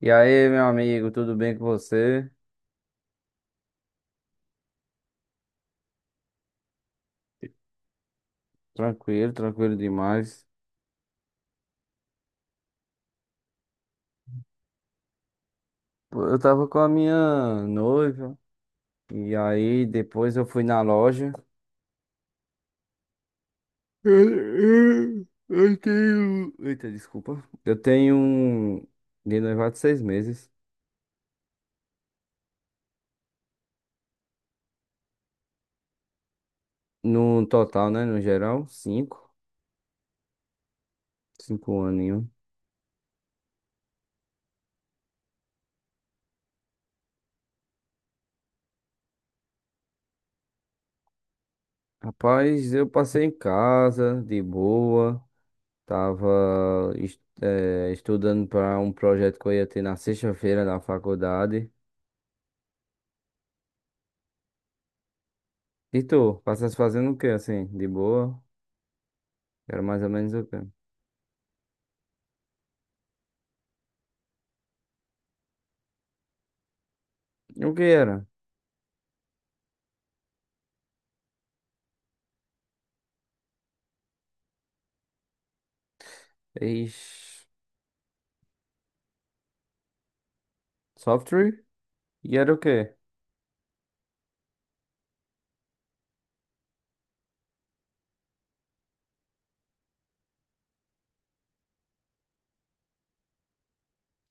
E aí, meu amigo, tudo bem com você? Tranquilo, tranquilo demais. Pô, eu tava com a minha noiva, e aí depois eu fui na loja. Eu tenho. Eita, desculpa. Eu tenho um de noivado 6 meses. No total, né? No geral, cinco. Cinco aninhos. Rapaz, eu passei em casa, de boa. Tava, estudando para um projeto que eu ia ter na sexta-feira na faculdade. E tu, passaste fazendo o que assim? De boa? Era mais ou menos o quê? O que era? Ixi, software? E era o quê?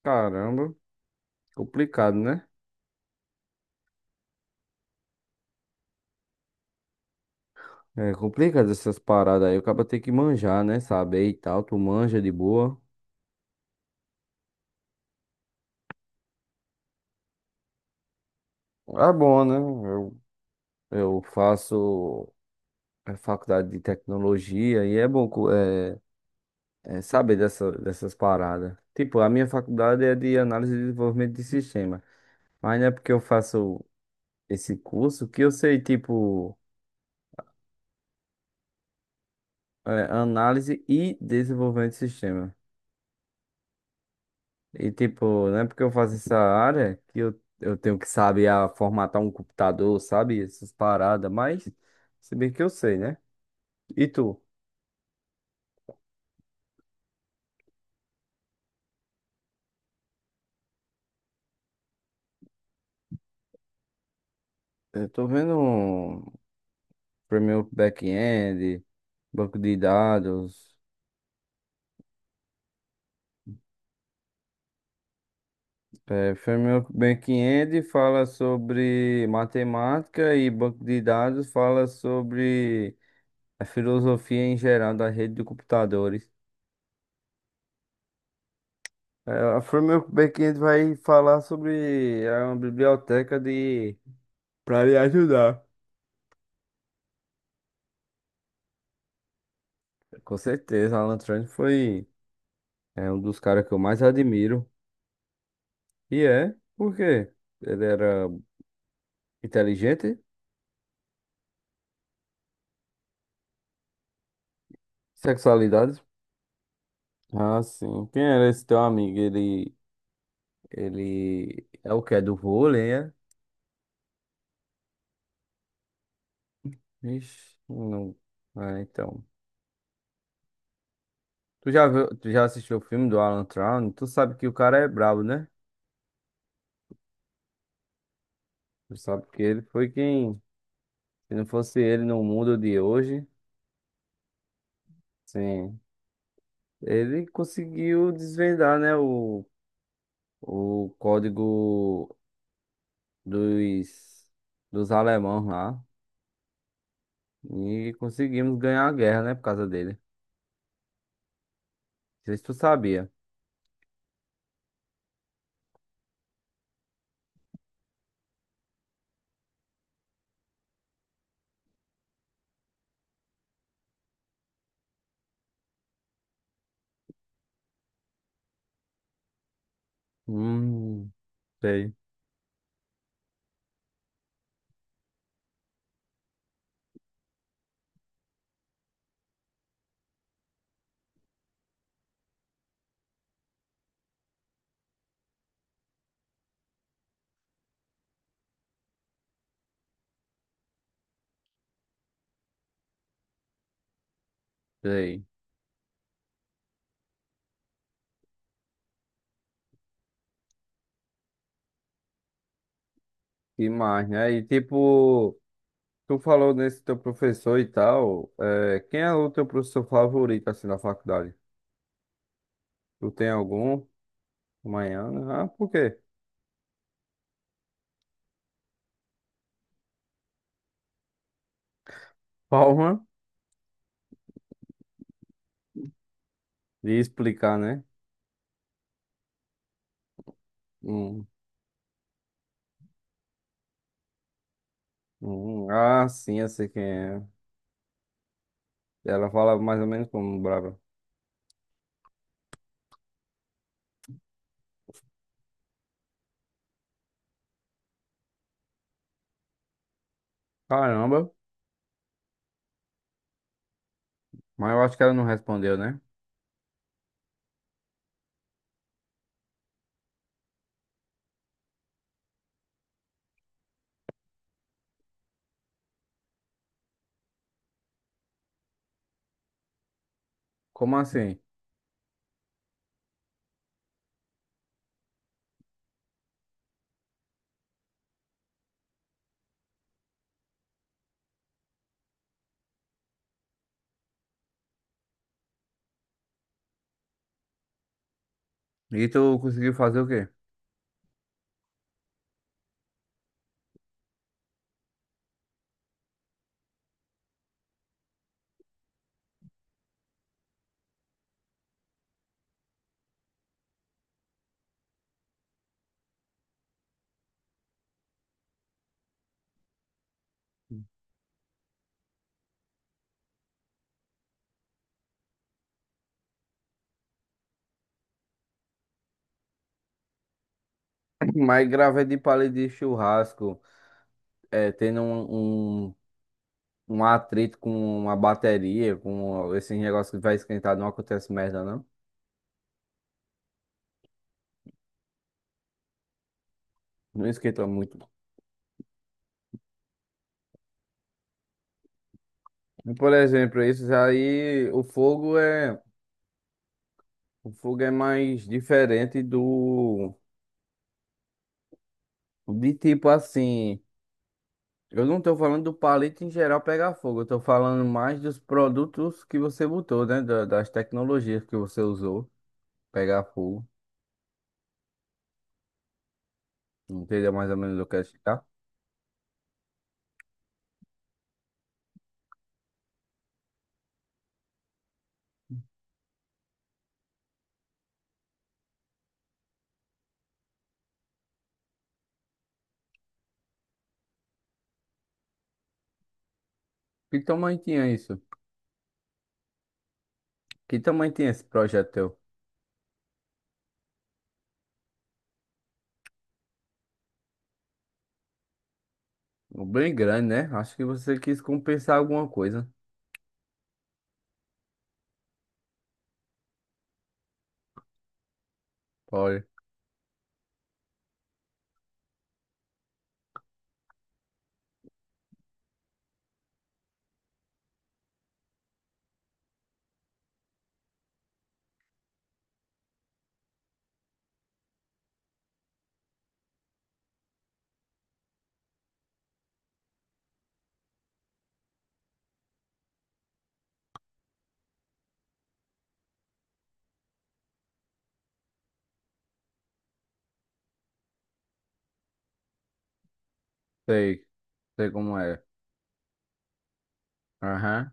Caramba, complicado, né? É complicado essas paradas aí. O cara tem que manjar, né? Saber e tal. Tu manja de boa. É bom, né? Eu faço a faculdade de tecnologia e é bom é saber dessas paradas. Tipo, a minha faculdade é de análise e desenvolvimento de sistema. Mas não é porque eu faço esse curso que eu sei, tipo, é, análise e desenvolvimento de sistema. E, tipo, não é porque eu faço essa área que eu tenho que saber a formatar um computador, sabe? Essas paradas, mas se bem que eu sei, né? E tu? Eu tô vendo um framework back-end, banco de dados. É, framework back-end fala sobre matemática e banco de dados fala sobre a filosofia em geral da rede de computadores. É, a Framework Backend vai falar sobre a biblioteca de para lhe ajudar. Com certeza, Alan Turing foi um dos caras que eu mais admiro. E por quê? Ele era inteligente, sexualidade. Ah, sim. Quem era esse teu amigo? Ele é o que é do vôlei, é? Ixi, não. Ah, então. Tu já assistiu o filme do Alan Turing? Tu sabe que o cara é brabo, né? Tu sabe que ele foi quem, se não fosse ele no mundo de hoje, sim, ele conseguiu desvendar, né, o código dos, dos alemãos lá. E conseguimos ganhar a guerra, né, por causa dele. Não sei se tu sabia. Hum, sei, sei. Que mais, né? E tipo, tu falou nesse teu professor e tal. Quem é o teu professor favorito, assim, na faculdade? Tu tem algum? Amanhã? Ah, por quê? Palma. De explicar, né? Hum. Ah, sim, eu sei quem é. Ela fala mais ou menos como brava. Caramba, mas eu acho que ela não respondeu, né? Como assim? E tu conseguiu fazer o quê? Mas gravei de palha de churrasco, tendo um atrito com uma bateria, com esse negócio que vai esquentar, não acontece merda, não? Não esquenta muito. E, por exemplo, isso aí, o fogo é mais diferente do, de tipo assim. Eu não tô falando do palito em geral pegar fogo, eu tô falando mais dos produtos que você botou, né? Das tecnologias que você usou pegar fogo. Entendeu mais ou menos o que eu quero chegar? Que tamanho tinha isso? Que tamanho tinha esse projeto teu? Bem grande, né? Acho que você quis compensar alguma coisa. Olha, sei, sei como é. Aham.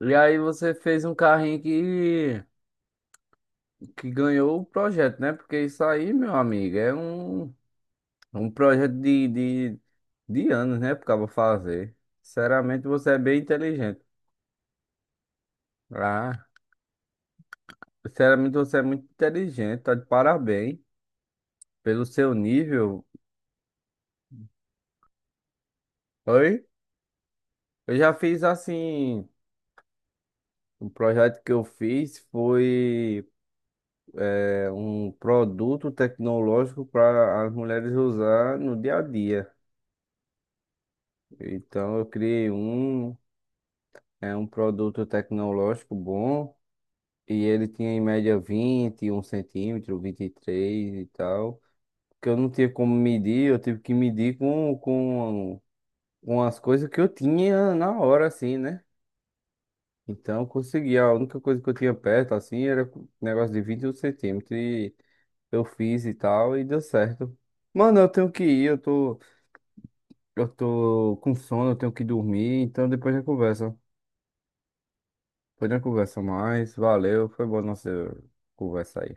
E aí você fez um carrinho que ganhou o projeto, né? Porque isso aí, meu amigo, é um. É um projeto de anos, né? Porque eu vou fazer. Sinceramente, você é bem inteligente. Ah, sinceramente, você é muito inteligente. Tá de parabéns pelo seu nível. Oi? Eu já fiz assim. Um projeto que eu fiz foi um produto tecnológico para as mulheres usar no dia a dia. Então, eu criei é um produto tecnológico bom. E ele tinha em média 21 centímetros, 23 e tal. Que eu não tinha como medir, eu tive que medir com as coisas que eu tinha na hora, assim, né? Então eu consegui. A única coisa que eu tinha perto, assim, era um negócio de 21 centímetros. E eu fiz e tal, e deu certo. Mano, eu tenho que ir, eu tô com sono, eu tenho que dormir. Então depois a gente conversa. Depois a gente conversa mais. Valeu, foi boa nossa conversa aí.